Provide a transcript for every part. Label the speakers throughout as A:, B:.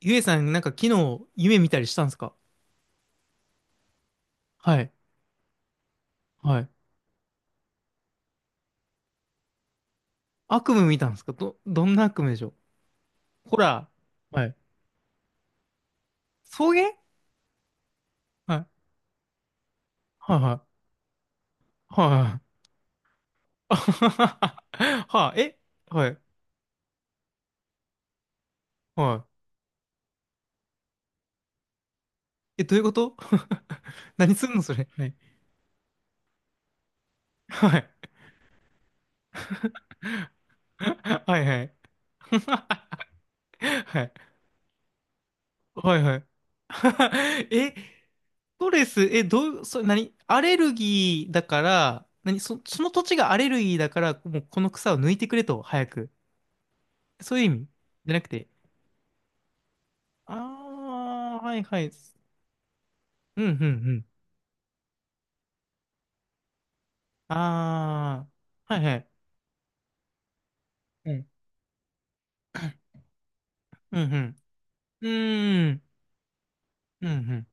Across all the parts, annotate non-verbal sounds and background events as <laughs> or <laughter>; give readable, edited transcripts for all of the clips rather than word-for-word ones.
A: ゆえさん、なんか昨日夢見たりしたんですか？はい。はい。悪夢見たんですか？ど、どんな悪夢でしょう？ホラー。はい。送迎。はい。はいはい。はい。あはは <laughs> ははえ。はい。はい。え、どういうこと？ <laughs> 何すんのそれ。はい。はい。<laughs> はいはい。<laughs> はい。はいはい。<laughs> え、ストレス、え、どう、それ何アレルギーだから、何そ、その土地がアレルギーだから、もうこの草を抜いてくれと、早く。そういう意味じゃなくて、ああ、はいはい。うんうんうん。ああ、はいはい。うん。うんうん。うーん。うんうん。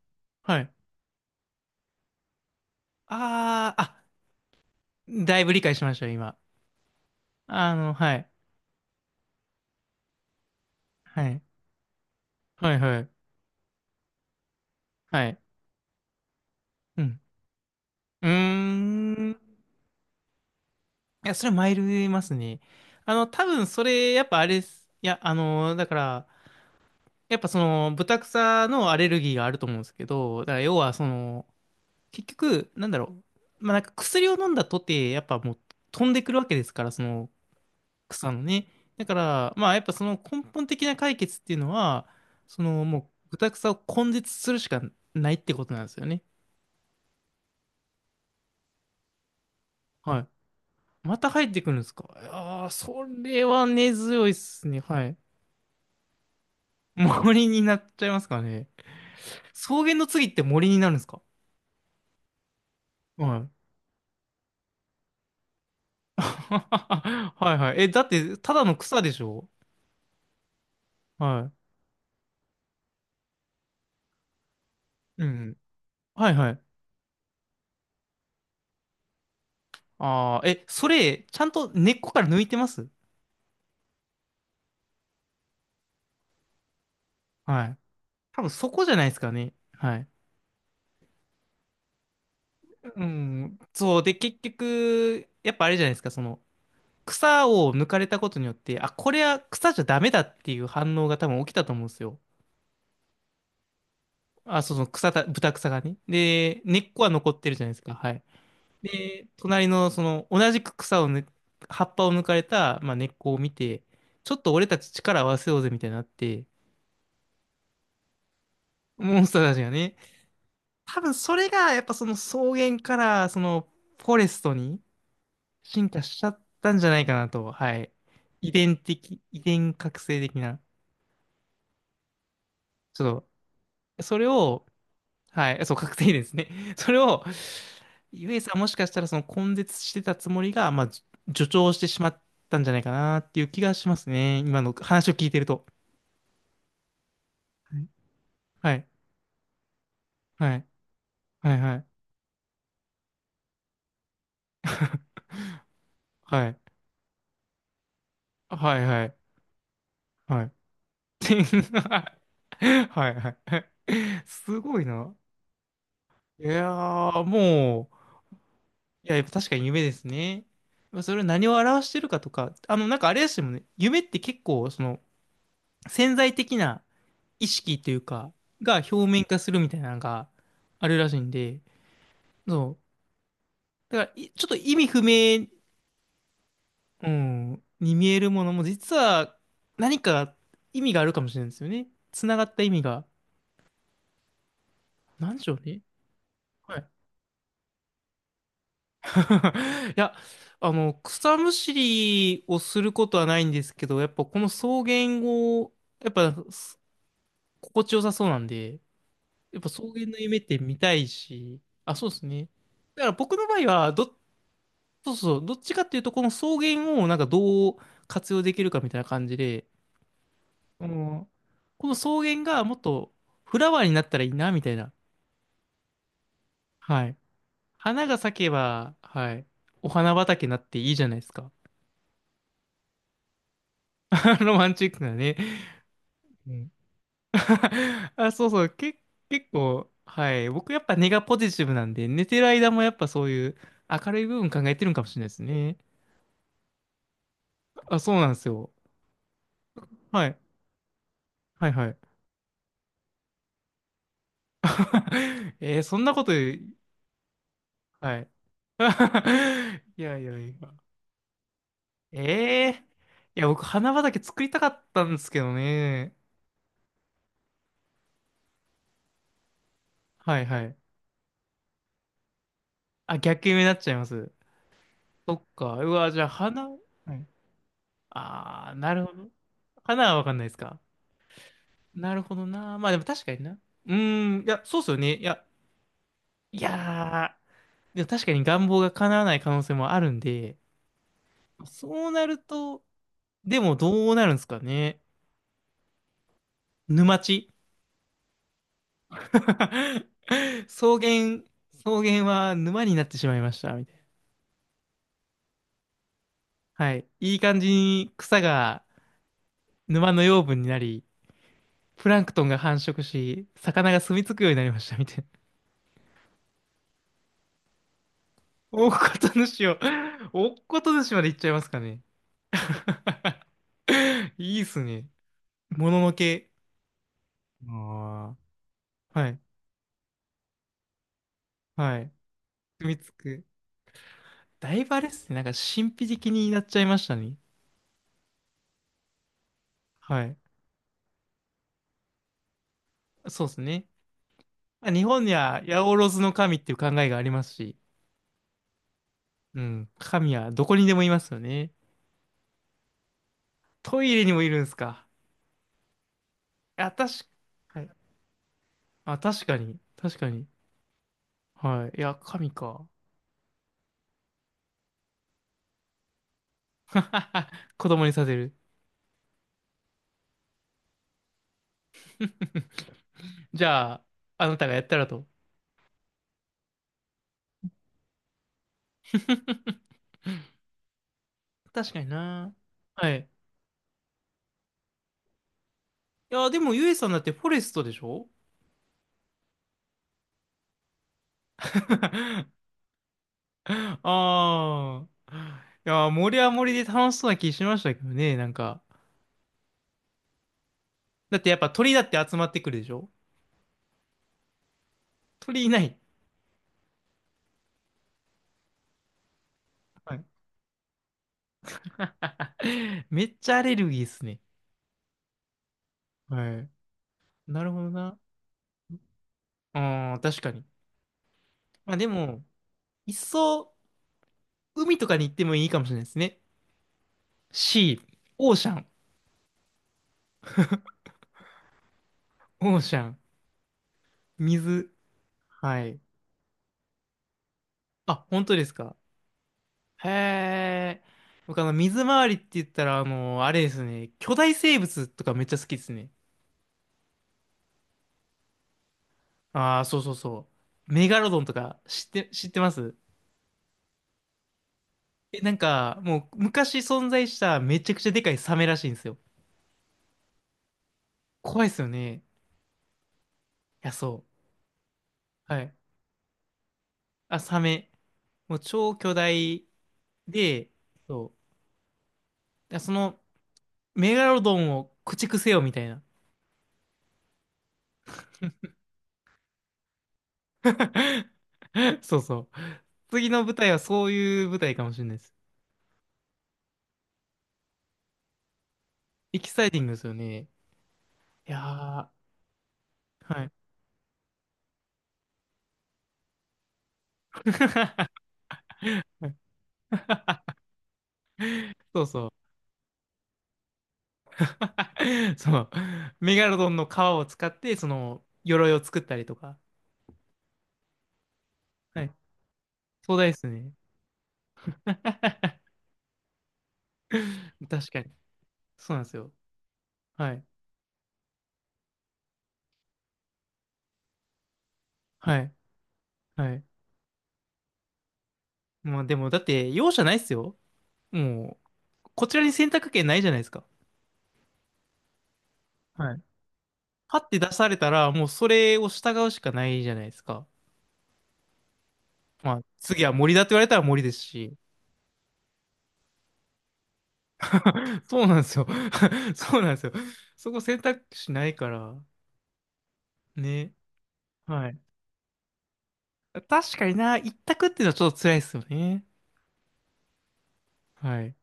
A: はい。ああ、あ、だいぶ理解しましたよ、今。あの、はい。はい。はいはい。はい。うん。うーん。いや、それはマイルいますね。あの、多分それ、やっぱあれです。いや、あの、だから、やっぱその、ブタクサのアレルギーがあると思うんですけど、だから要はその、結局、なんだろう。まあ、なんか薬を飲んだとて、やっぱもう飛んでくるわけですから、その草のね。だから、まあ、やっぱその根本的な解決っていうのは、そのもう豚草を根絶するしかないってことなんですよね。はい。また入ってくるんですか？ああー、それは根強いっすね。はい。森になっちゃいますかね。草原の次って森になるんですか？はい。<laughs> はいはい。え、だって、ただの草でしょ？はい。うん。はいはい。ああ、え、それ、ちゃんと根っこから抜いてます？はい。多分そこじゃないですかね。はい。うん。そう。で、結局、やっぱあれじゃないですか、その、草を抜かれたことによって、あ、これは草じゃダメだっていう反応が多分起きたと思うんですよ。あ、そうそう、草た、豚草がね。で、根っこは残ってるじゃないですか。はい。で、隣の、その、同じく草をぬ、葉っぱを抜かれた、まあ、根っこを見て、ちょっと俺たち力を合わせようぜみたいになって、モンスターたちがね、多分それがやっぱその草原からそのフォレストに進化しちゃったんじゃないかなと、はい。遺伝的、遺伝覚醒的な、ちょっと、それを、はい、そう、覚醒ですね。<laughs> それを、ゆえさんもしかしたらその根絶してたつもりが、まあ、じ助長してしまったんじゃないかなっていう気がしますね。今の話を聞いてると。はい、はい、はい、はい、はい、はい、はい、はい。はい、<laughs> はい。はい。すごいな。いやー、もう、いや、やっぱ確かに夢ですね。まあそれ何を表してるかとか、あの、なんかあれですよね。夢って結構、その、潜在的な意識というか、が表面化するみたいなのがあるらしいんで、そう。だから、いちょっと意味不明、うん、に見えるものも、実は何か意味があるかもしれないですよね。つながった意味が。なんでしょうね。はい。 <laughs> いや、あの、草むしりをすることはないんですけど、やっぱこの草原を、やっぱす心地よさそうなんで、やっぱ草原の夢って見たいし、あ、そうですね。だから僕の場合は、ど、そうそう、どっちかっていうと、この草原をなんかどう活用できるかみたいな感じで、この草原がもっとフラワーになったらいいな、みたいな。はい。花が咲けば、はい。お花畑になっていいじゃないですか。<laughs> ロマンチックなね。うん。 <laughs> あ、そうそう、け、結構、はい。僕やっぱ根がポジティブなんで、寝てる間もやっぱそういう明るい部分考えてるんかもしれないですね。あ、そうなんですよ。はい。はいはい。<laughs> えー、そんなこと、はい。<laughs> いやいやいや。ええ。いや、僕、花畑作りたかったんですけどね。はいはい。あ、逆夢になっちゃいます。そっか。うわ、じゃあ花、はい。あー、なるほど。花はわかんないですか？なるほどな。まあでも確かにな。うーん、いや、そうっすよね。いや、いやー、でも確かに願望が叶わない可能性もあるんで、そうなると、でもどうなるんですかね。沼地。 <laughs> 草原、草原は沼になってしまいました、みたいな。はい。いい感じに草が沼の養分になり、プランクトンが繁殖し、魚が住み着くようになりました、みたいな。おっこと主を、おっこと主まで行っちゃいますかね。<laughs> いいっすね。もののけ。ああ、はい。はい。組みつく。だいぶあれっすね。なんか神秘的になっちゃいましたね。はい。そうですね。まあ日本には八百万の神っていう考えがありますし、うん。神はどこにでもいますよね。トイレにもいるんすか。あ、確か、はい。あ、確かに。確かに。はい。いや、神か。<laughs> 子供にさせる。じゃあ、あなたがやったらと。確かにな。はい。いや、でも、ゆえさんだってフォレストでしょ？ <laughs> <laughs> ああ。いやー、森は森で楽しそうな気しましたけどね、なんか。だってやっぱ鳥だって集まってくるでしょ？鳥いない。はい。 <laughs> めっちゃアレルギーっすね。はい。なるほどな。ああ、確かに。まあでも、いっそ、海とかに行ってもいいかもしれないですね。シー、オーシャン、オーシャン、水。はい。あ、本当ですか。へえ。僕あの、水回りって言ったら、あの、あれですね、巨大生物とかめっちゃ好きですね。ああ、そうそうそう。メガロドンとか知って、知ってます？え、なんか、もう昔存在しためちゃくちゃでかいサメらしいんですよ。怖いですよね。いや、そう。はい。あ、サメ。もう超巨大で、そう。いやその、メガロドンを駆逐せよみたいな。<laughs> そうそう。次の舞台はそういう舞台かもしれないです。エキサイティングですよね。いやー、はい。<laughs> そうそう。<laughs> その、メガロドンの皮を使って、その、鎧を作ったりとか。はい。壮大ですね。<laughs> 確かに。そうなんですよ。はい。はい。はい。まあでも、だって、容赦ないっすよ。もう、こちらに選択権ないじゃないですか。はい。パッて出されたら、もうそれを従うしかないじゃないですか。まあ、次は森だって言われたら森ですし。そうなんですよ。<laughs> そうなんですよ。そこ選択肢ないから。ね。はい。確かにな、一択っていうのはちょっと辛いですよね。はい。